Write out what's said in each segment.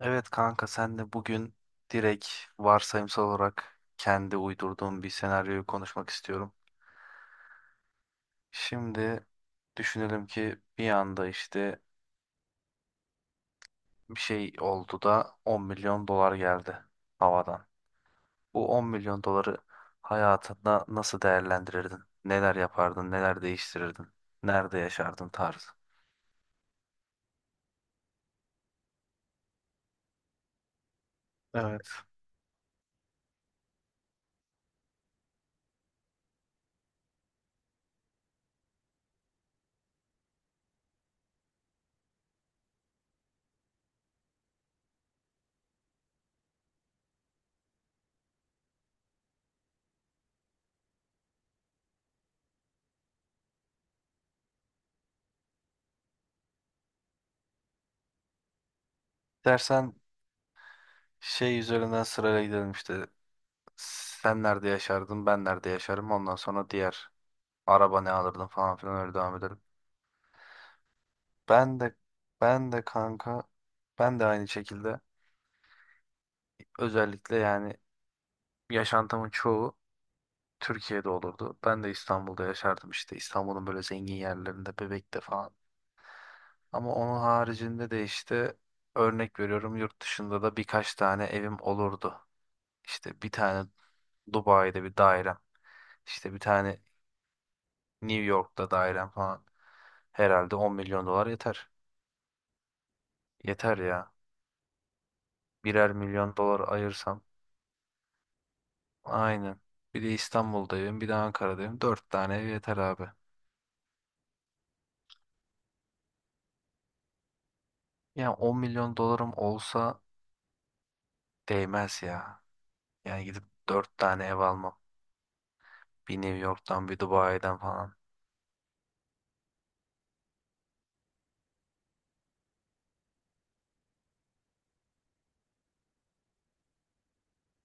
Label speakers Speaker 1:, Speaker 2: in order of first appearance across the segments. Speaker 1: Evet kanka sen de bugün direkt varsayımsal olarak kendi uydurduğum bir senaryoyu konuşmak istiyorum. Şimdi düşünelim ki bir anda işte bir şey oldu da 10 milyon dolar geldi havadan. Bu 10 milyon doları hayatında nasıl değerlendirirdin? Neler yapardın? Neler değiştirirdin? Nerede yaşardın tarzı. Evet. Dersen şey üzerinden sırayla gidelim işte. Sen nerede yaşardın? Ben nerede yaşarım? Ondan sonra diğer araba ne alırdın falan filan öyle devam edelim. Ben de ben de kanka ben de aynı şekilde özellikle yani yaşantımın çoğu Türkiye'de olurdu. Ben de İstanbul'da yaşardım, işte İstanbul'un böyle zengin yerlerinde, Bebek'te falan. Ama onun haricinde de işte örnek veriyorum yurt dışında da birkaç tane evim olurdu. İşte bir tane Dubai'de bir dairem, işte bir tane New York'ta dairem falan. Herhalde 10 milyon dolar yeter. Yeter ya. Birer milyon dolar ayırsam. Aynen. Bir de İstanbul'da evim, bir de Ankara'da evim. Dört tane ev yeter abi. Yani 10 milyon dolarım olsa değmez ya. Yani gidip dört tane ev almam. Bir New York'tan, bir Dubai'den falan.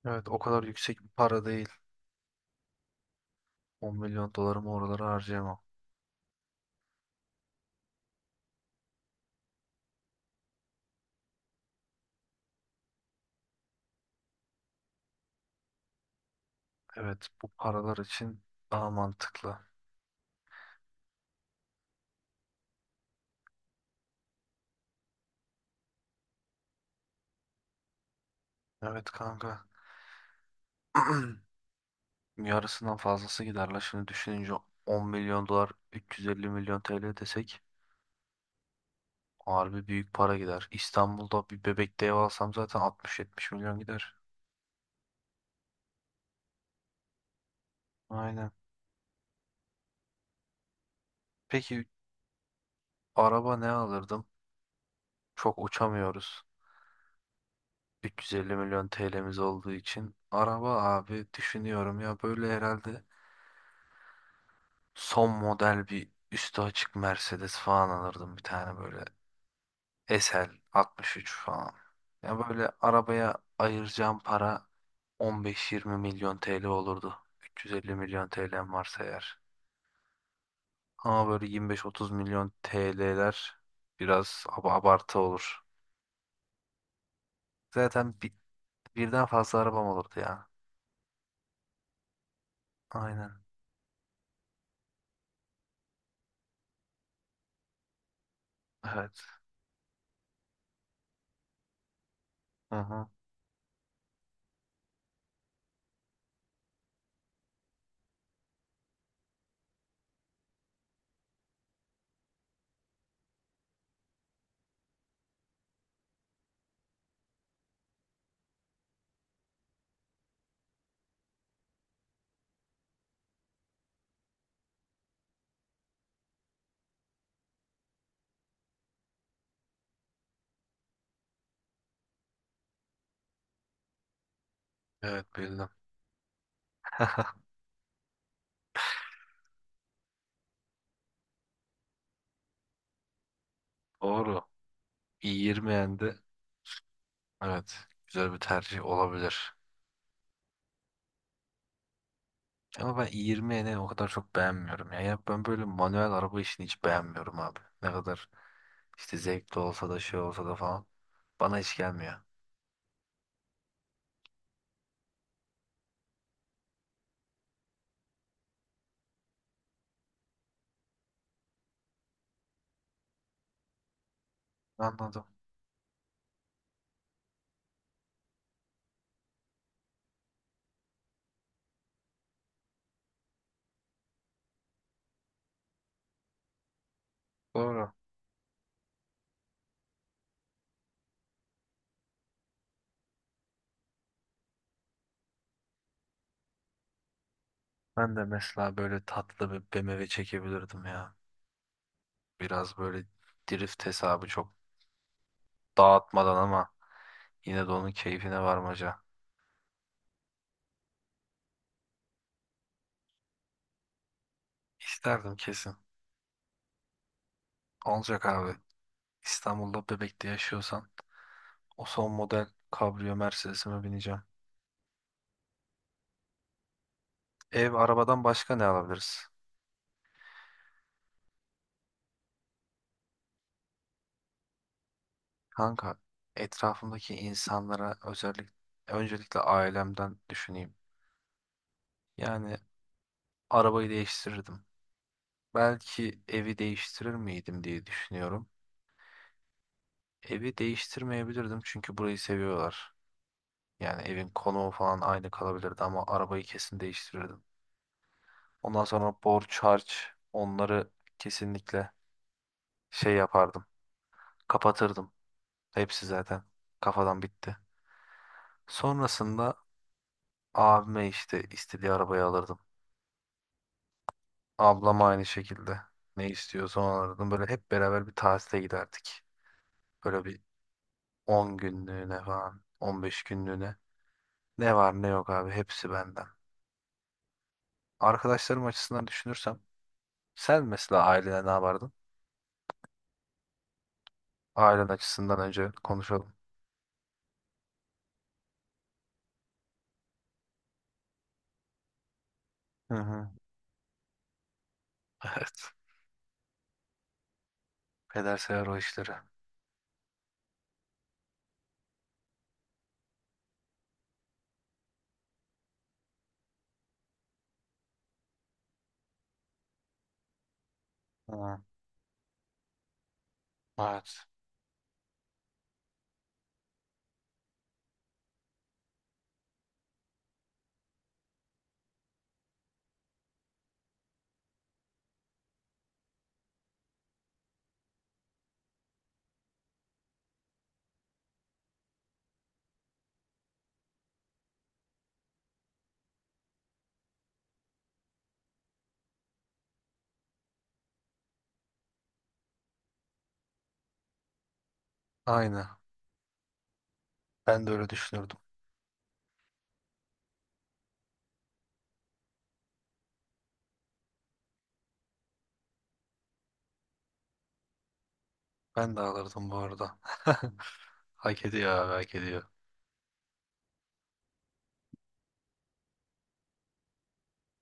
Speaker 1: Evet, o kadar yüksek bir para değil. 10 milyon dolarımı oralara harcayamam. Evet, bu paralar için daha mantıklı. Evet kanka. Yarısından fazlası gider la. Şimdi düşününce 10 milyon dolar 350 milyon TL desek. Harbi büyük para gider. İstanbul'da bir Bebek'te ev alsam zaten 60-70 milyon gider. Aynen. Peki araba ne alırdım? Çok uçamıyoruz. 350 milyon TL'miz olduğu için. Araba abi, düşünüyorum ya, böyle herhalde son model bir üstü açık Mercedes falan alırdım bir tane böyle. SL 63 falan. Ya böyle arabaya ayıracağım para 15-20 milyon TL olurdu. 350 milyon TL'm varsa eğer. Ama böyle 25-30 milyon TL'ler biraz abartı olur. Zaten birden fazla arabam olurdu ya. Aynen. Evet. Hı hı. Evet, bildim. Doğru. i20N'de evet, güzel bir tercih olabilir. Ama ben i20N'i o kadar çok beğenmiyorum. Ya, ben böyle manuel araba işini hiç beğenmiyorum abi. Ne kadar işte zevkli olsa da şey olsa da falan. Bana hiç gelmiyor. Anladım. Doğru. Ben de mesela böyle tatlı bir BMW çekebilirdim ya. Biraz böyle drift hesabı çok dağıtmadan ama yine de onun keyfine varmaca. İsterdim kesin. Olacak abi. İstanbul'da Bebek'te yaşıyorsan o son model kabriyo Mercedes'ime bineceğim. Ev arabadan başka ne alabiliriz? Kanka, etrafımdaki insanlara özellikle öncelikle ailemden düşüneyim. Yani arabayı değiştirirdim. Belki evi değiştirir miydim diye düşünüyorum. Evi değiştirmeyebilirdim çünkü burayı seviyorlar. Yani evin konumu falan aynı kalabilirdi ama arabayı kesin değiştirirdim. Ondan sonra borç harç, onları kesinlikle şey yapardım. Kapatırdım. Hepsi zaten kafadan bitti. Sonrasında abime işte istediği arabayı alırdım. Ablama aynı şekilde ne istiyorsa onu alırdım. Böyle hep beraber bir tatile giderdik. Böyle bir 10 günlüğüne falan, 15 günlüğüne. Ne var ne yok abi hepsi benden. Arkadaşlarım açısından düşünürsem, sen mesela ailene ne yapardın? Ailen açısından önce konuşalım. Hı hı. Evet. Peder sever o işleri. Hı. Evet. Aynı. Ben de öyle düşünürdüm. Ben de alırdım bu arada. Hak ediyor abi, hak ediyor.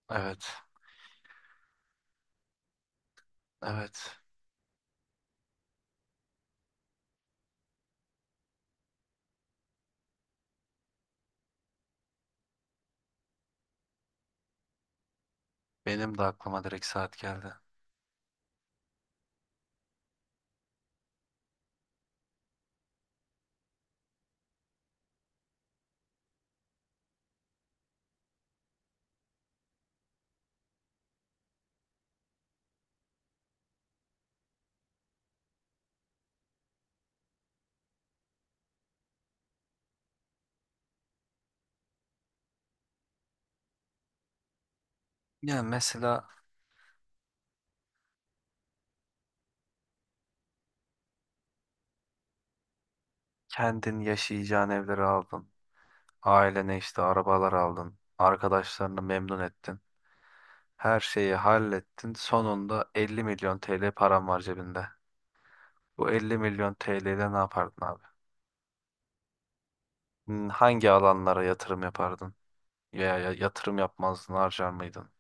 Speaker 1: Evet. Evet. Benim de aklıma direkt saat geldi. Ya mesela kendin yaşayacağın evleri aldın. Ailene işte arabalar aldın. Arkadaşlarını memnun ettin. Her şeyi hallettin. Sonunda 50 milyon TL param var cebinde. Bu 50 milyon TL ile ne yapardın abi? Hangi alanlara yatırım yapardın? Veya yatırım yapmazdın, harcar mıydın?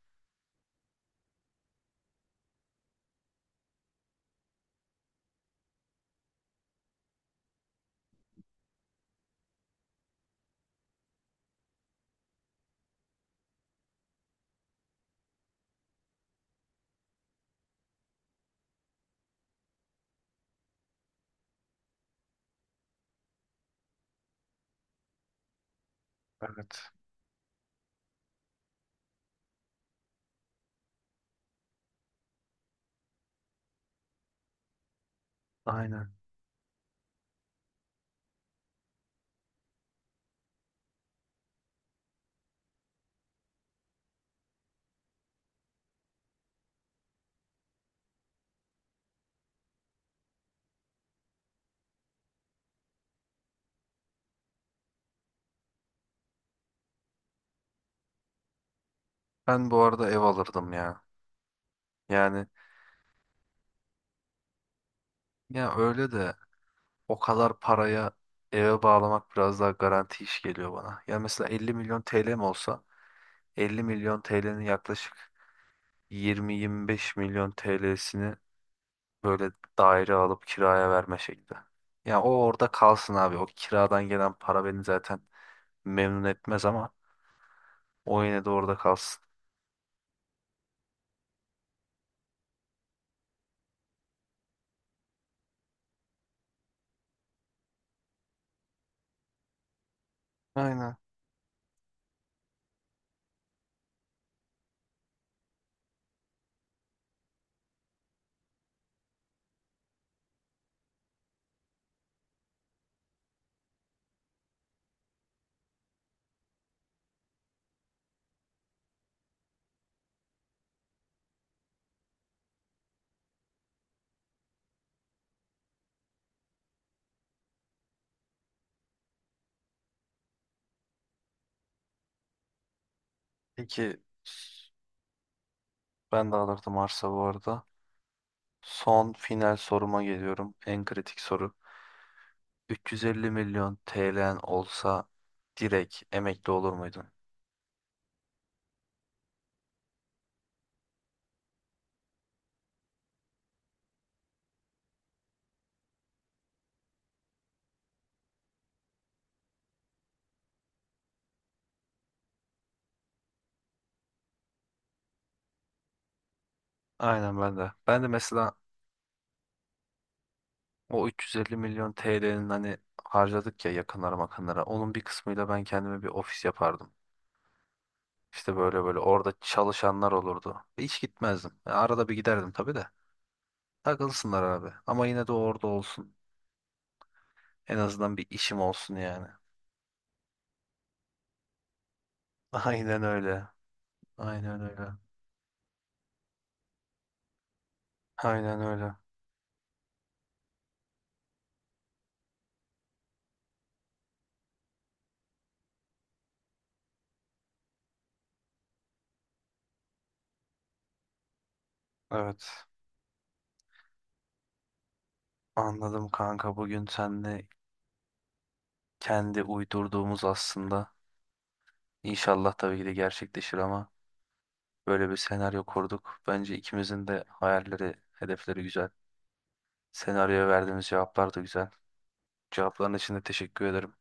Speaker 1: Evet. Aynen. Ben bu arada ev alırdım ya. Yani ya öyle de, o kadar paraya eve bağlamak biraz daha garanti iş geliyor bana. Ya mesela 50 milyon TL'm olsa, 50 milyon TL'nin yaklaşık 20-25 milyon TL'sini böyle daire alıp kiraya verme şekli. Ya o orada kalsın abi. O kiradan gelen para beni zaten memnun etmez ama o yine de orada kalsın. Aynen. Peki ben de alırdım arsa bu arada. Son final soruma geliyorum. En kritik soru. 350 milyon TL'n olsa direkt emekli olur muydun? Aynen ben de. Ben de mesela o 350 milyon TL'nin, hani, harcadık ya yakınlara makınlara. Onun bir kısmıyla ben kendime bir ofis yapardım. İşte böyle böyle orada çalışanlar olurdu. Hiç gitmezdim. Yani arada bir giderdim tabii de. Takılsınlar abi. Ama yine de orada olsun. En azından bir işim olsun yani. Aynen öyle. Aynen öyle. Aynen öyle. Evet. Anladım kanka. Bugün seninle kendi uydurduğumuz aslında. İnşallah tabii ki de gerçekleşir ama böyle bir senaryo kurduk. Bence ikimizin de hayalleri, hedefleri güzel. Senaryoya verdiğimiz cevaplar da güzel. Cevapların için de teşekkür ederim.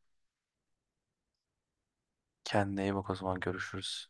Speaker 1: Kendine iyi bak o zaman, görüşürüz.